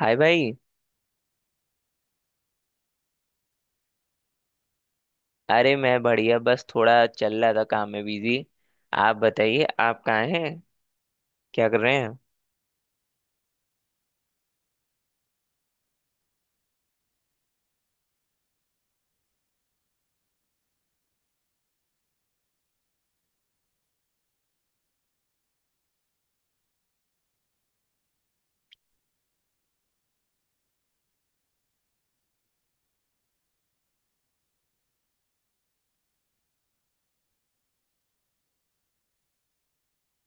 हाय भाई। अरे मैं बढ़िया, बस थोड़ा चल रहा था काम में बिजी। आप बताइए, आप कहाँ हैं, क्या कर रहे हैं?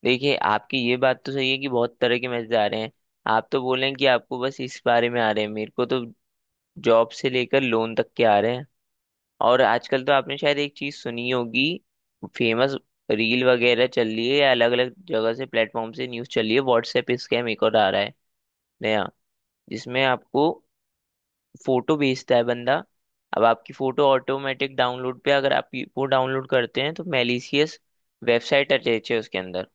देखिए, आपकी ये बात तो सही है कि बहुत तरह के मैसेज आ रहे हैं। आप तो बोल रहे हैं कि आपको बस इस बारे में आ रहे हैं, मेरे को तो जॉब से लेकर लोन तक के आ रहे हैं। और आजकल तो आपने शायद एक चीज सुनी होगी, फेमस रील वगैरह चल रही है या अलग अलग जगह से प्लेटफॉर्म से न्यूज चल रही है, व्हाट्सएप स्कैम एक और आ रहा है नया, जिसमें आपको फोटो भेजता है बंदा। अब आपकी फोटो ऑटोमेटिक डाउनलोड पे अगर आप वो डाउनलोड करते हैं तो मैलिशियस वेबसाइट अटैच है उसके अंदर,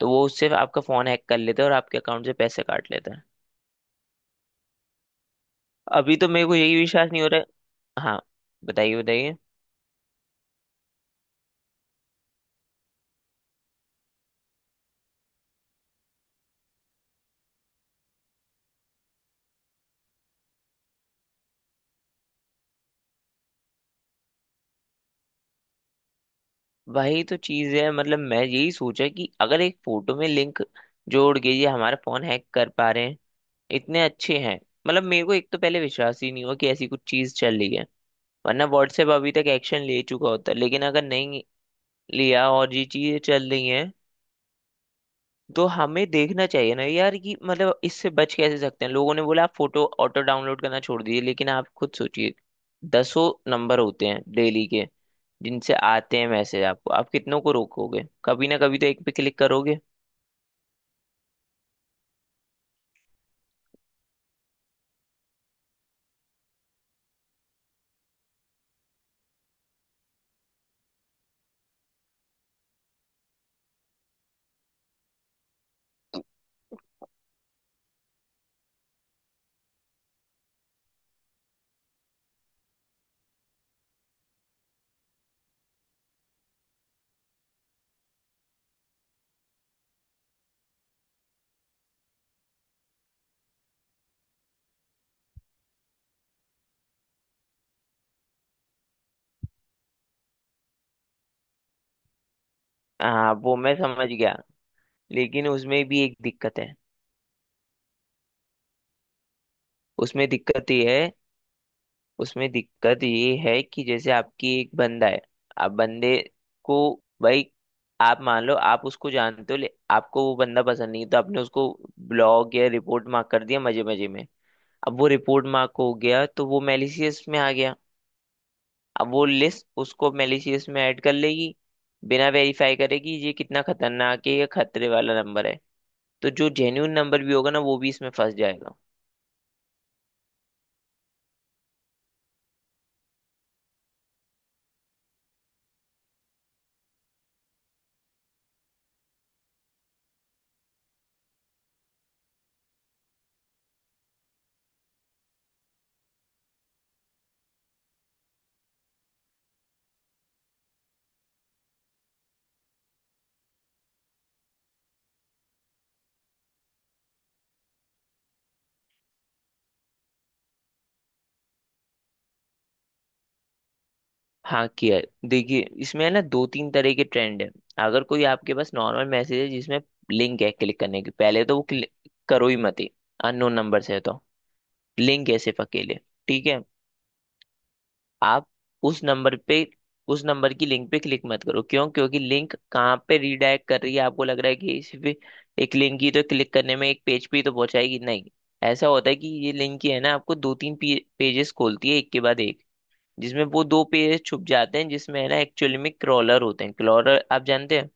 तो वो उससे आपका फोन हैक कर लेता है और आपके अकाउंट से पैसे काट लेता है। अभी तो मेरे को यही विश्वास नहीं हो रहा है। हाँ, बताइए बताइए। वही तो चीज है, मतलब मैं यही सोचा कि अगर एक फोटो में लिंक जोड़ के ये हमारा फोन हैक कर पा रहे हैं, इतने अच्छे हैं। मतलब मेरे को एक तो पहले विश्वास ही नहीं हुआ कि ऐसी कुछ चीज चल रही है, वरना व्हाट्सएप अभी तक एक्शन ले चुका होता, लेकिन अगर नहीं लिया और ये चीजें चल रही हैं तो हमें देखना चाहिए ना यार कि मतलब इससे बच कैसे सकते हैं। लोगों ने बोला आप फोटो ऑटो डाउनलोड करना छोड़ दीजिए, लेकिन आप खुद सोचिए, दसों नंबर होते हैं डेली के जिनसे आते हैं मैसेज आपको, आप कितनों को रोकोगे, कभी ना कभी तो एक पे क्लिक करोगे। हाँ, वो मैं समझ गया, लेकिन उसमें भी एक दिक्कत है। उसमें दिक्कत ये है उसमें दिक्कत ये है कि जैसे आपकी एक बंदा है, आप बंदे को, भाई आप मान लो, आप उसको जानते हो ले आपको वो बंदा पसंद नहीं है, तो आपने उसको ब्लॉग या रिपोर्ट मार्क कर दिया मजे मजे में। अब वो रिपोर्ट मार्क हो गया तो वो मेलिशियस में आ गया, अब वो लिस्ट उसको मेलिशियस में ऐड कर लेगी बिना वेरीफाई करेगी ये कितना खतरनाक है या खतरे वाला नंबर है, तो जो जेन्यून नंबर भी होगा ना वो भी इसमें फंस जाएगा। हाँ, किया है। देखिए, इसमें है ना दो तीन तरह के ट्रेंड है। अगर कोई आपके पास नॉर्मल मैसेज है जिसमें लिंक है क्लिक करने की, पहले तो वो क्लिक करो ही मत। अननोन नंबर से है तो, लिंक है सिर्फ अकेले, ठीक है, आप उस नंबर पे, उस नंबर की लिंक पे क्लिक मत करो। क्यों? क्योंकि लिंक कहाँ पे रीडायरेक्ट कर रही है, आपको लग रहा है कि सिर्फ एक लिंक ही तो, क्लिक करने में एक पेज पे ही तो पहुंचाएगी, नहीं। ऐसा होता है कि ये लिंक ही है ना आपको दो तीन पेजेस खोलती है एक के बाद एक, जिसमें वो दो पेज छुप जाते हैं जिसमें है ना एक्चुअली में क्रॉलर होते हैं। क्रॉलर आप जानते हैं?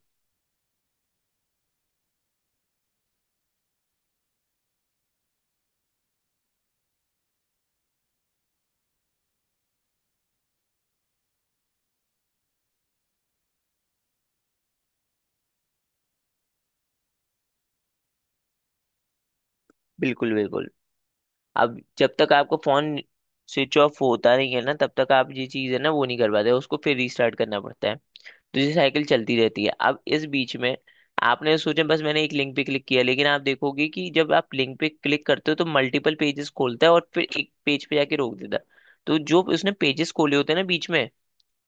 बिल्कुल बिल्कुल। अब जब तक आपका फोन स्विच ऑफ होता नहीं है ना तब तक आप ये चीज़ है ना वो नहीं कर पाते, उसको फिर रीस्टार्ट करना पड़ता है। तो ये साइकिल चलती रहती है, अब इस बीच में आपने सोचा बस मैंने एक लिंक पे क्लिक किया, लेकिन आप देखोगे कि जब आप लिंक पे क्लिक करते हो तो मल्टीपल पेजेस खोलता है और फिर एक पेज पे जाके रोक देता है। तो जो उसने पेजेस खोले होते हैं ना बीच में,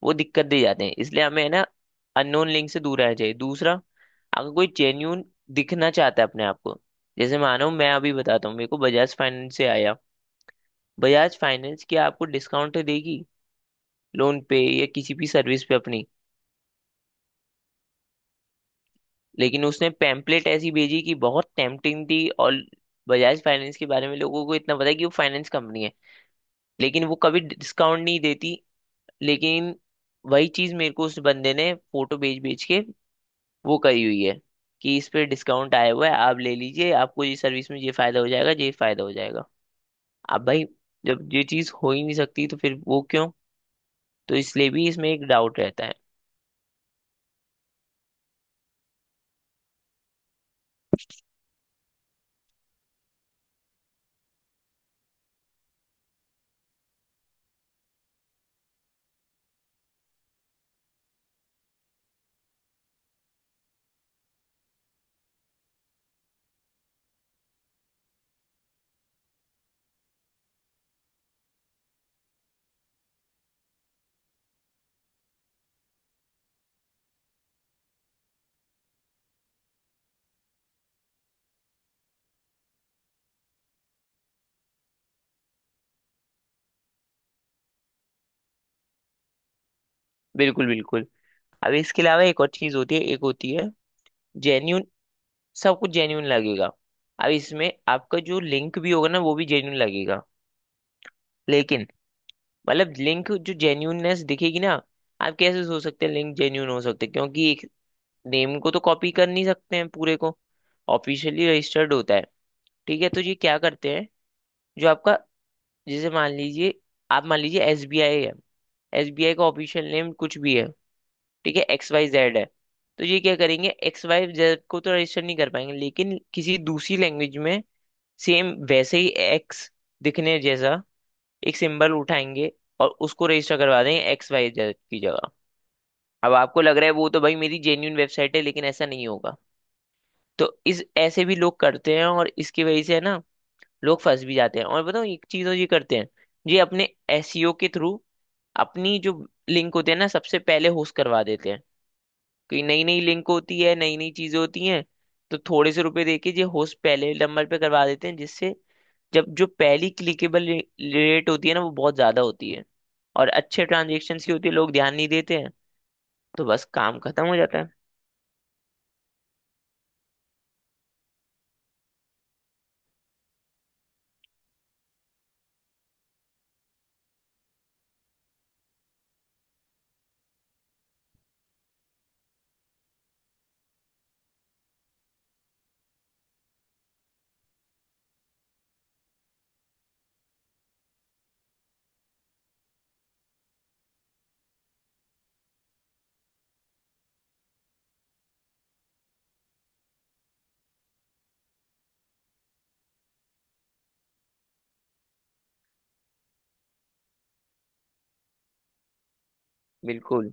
वो दिक्कत दे जाते हैं, इसलिए हमें है ना अननोन लिंक से दूर रहना चाहिए। दूसरा, अगर कोई जेन्यून दिखना चाहता है अपने आप को, जैसे मानो मैं अभी बताता हूँ, मेरे को बजाज फाइनेंस से आया। बजाज फाइनेंस क्या आपको डिस्काउंट देगी लोन पे या किसी भी सर्विस पे अपनी? लेकिन उसने पैम्पलेट ऐसी भेजी कि बहुत टेम्पटिंग थी, और बजाज फाइनेंस के बारे में लोगों को इतना पता है कि वो फाइनेंस कंपनी है, लेकिन वो कभी डिस्काउंट नहीं देती। लेकिन वही चीज मेरे को उस बंदे ने फोटो भेज भेज के वो करी हुई है कि इस पे डिस्काउंट आया हुआ है, आप ले लीजिए, आपको ये सर्विस में ये फायदा हो जाएगा ये फायदा हो जाएगा। अब भाई, जब ये चीज हो ही नहीं सकती तो फिर वो क्यों, तो इसलिए भी इसमें एक डाउट रहता है। बिल्कुल बिल्कुल। अब इसके अलावा एक और चीज होती है, एक होती है जेन्यून, सब कुछ जेन्यून लगेगा। अब इसमें आपका जो लिंक भी होगा ना वो भी जेन्यून लगेगा, लेकिन मतलब लिंक जो जेन्यूननेस दिखेगी ना, आप कैसे सोच सकते हैं लिंक जेन्यून हो सकते हैं, क्योंकि एक नेम को तो कॉपी कर नहीं सकते हैं पूरे को, ऑफिशियली रजिस्टर्ड होता है। ठीक है, तो ये क्या करते हैं, जो आपका जैसे मान लीजिए, आप मान लीजिए एसबीआई है, एसबीआई का ऑफिशियल नेम कुछ भी है, ठीक है, एक्स वाई जेड है। तो ये क्या करेंगे, एक्स वाई जेड को तो रजिस्टर नहीं कर पाएंगे, लेकिन किसी दूसरी लैंग्वेज में सेम वैसे ही एक्स दिखने जैसा एक सिंबल उठाएंगे और उसको रजिस्टर करवा देंगे एक्स वाई जेड की जगह। अब आपको लग रहा है वो तो भाई मेरी जेन्यून वेबसाइट है, लेकिन ऐसा नहीं होगा, तो इस ऐसे भी लोग करते हैं और इसकी वजह से है ना लोग फंस भी जाते हैं। और बताओ, एक चीज और ये करते हैं, ये अपने एसईओ के थ्रू अपनी जो लिंक होती है ना सबसे पहले होस्ट करवा देते हैं, क्योंकि नई नई लिंक होती है नई नई चीजें होती हैं, तो थोड़े से रुपए देके ये होस्ट पहले नंबर पे करवा देते हैं, जिससे जब जो पहली क्लिकेबल रेट होती है ना वो बहुत ज्यादा होती है और अच्छे ट्रांजेक्शन की होती है, लोग ध्यान नहीं देते हैं, तो बस काम खत्म हो जाता है। बिल्कुल।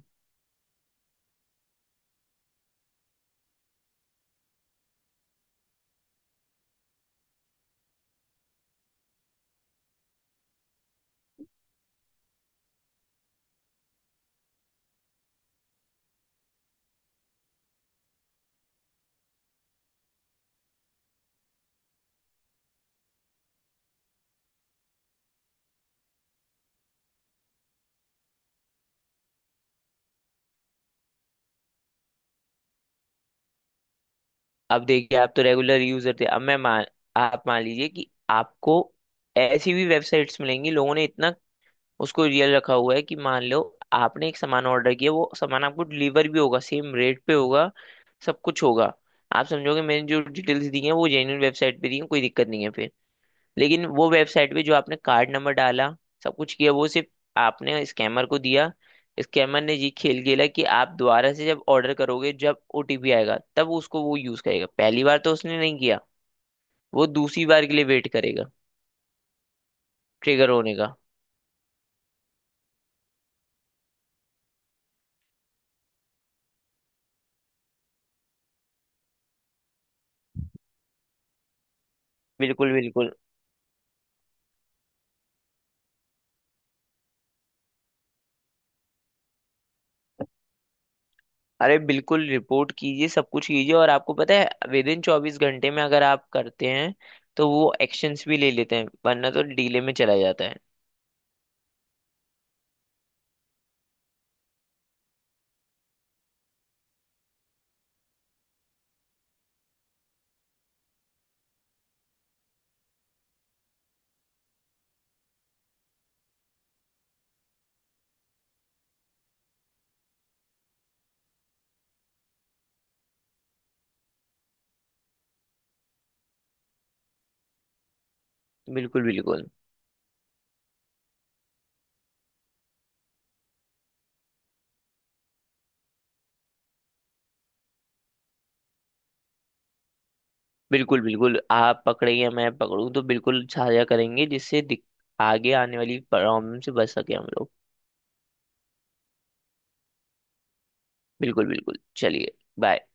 अब देखिए, आप तो रेगुलर यूजर थे, अब मैं मान आप मान लीजिए कि आपको ऐसी भी वेबसाइट्स मिलेंगी, लोगों ने इतना उसको रियल रखा हुआ है कि मान लो आपने एक सामान ऑर्डर किया, वो सामान आपको डिलीवर भी होगा, सेम रेट पे होगा, सब कुछ होगा। आप समझोगे मैंने जो डिटेल्स दी हैं वो जेन्युइन वेबसाइट पे दी हैं, कोई दिक्कत नहीं है, लेकिन वो वेबसाइट पे जो आपने कार्ड नंबर डाला सब कुछ किया, वो सिर्फ आपने स्कैमर को दिया। स्कैमर ने ये खेल खेला कि आप दोबारा से जब ऑर्डर करोगे जब ओटीपी आएगा तब उसको वो यूज करेगा, पहली बार तो उसने नहीं किया, वो दूसरी बार के लिए वेट करेगा, ट्रिगर होने का। बिल्कुल बिल्कुल। अरे बिल्कुल, रिपोर्ट कीजिए सब कुछ कीजिए, और आपको पता है विद इन 24 घंटे में अगर आप करते हैं तो वो एक्शंस भी ले लेते हैं, वरना तो डीले में चला जाता है। बिल्कुल बिल्कुल। बिल्कुल बिल्कुल, आप पकड़े या मैं पकड़ूं तो बिल्कुल साझा करेंगे जिससे आगे आने वाली प्रॉब्लम से बच सके हम लोग। बिल्कुल बिल्कुल, चलिए, बाय।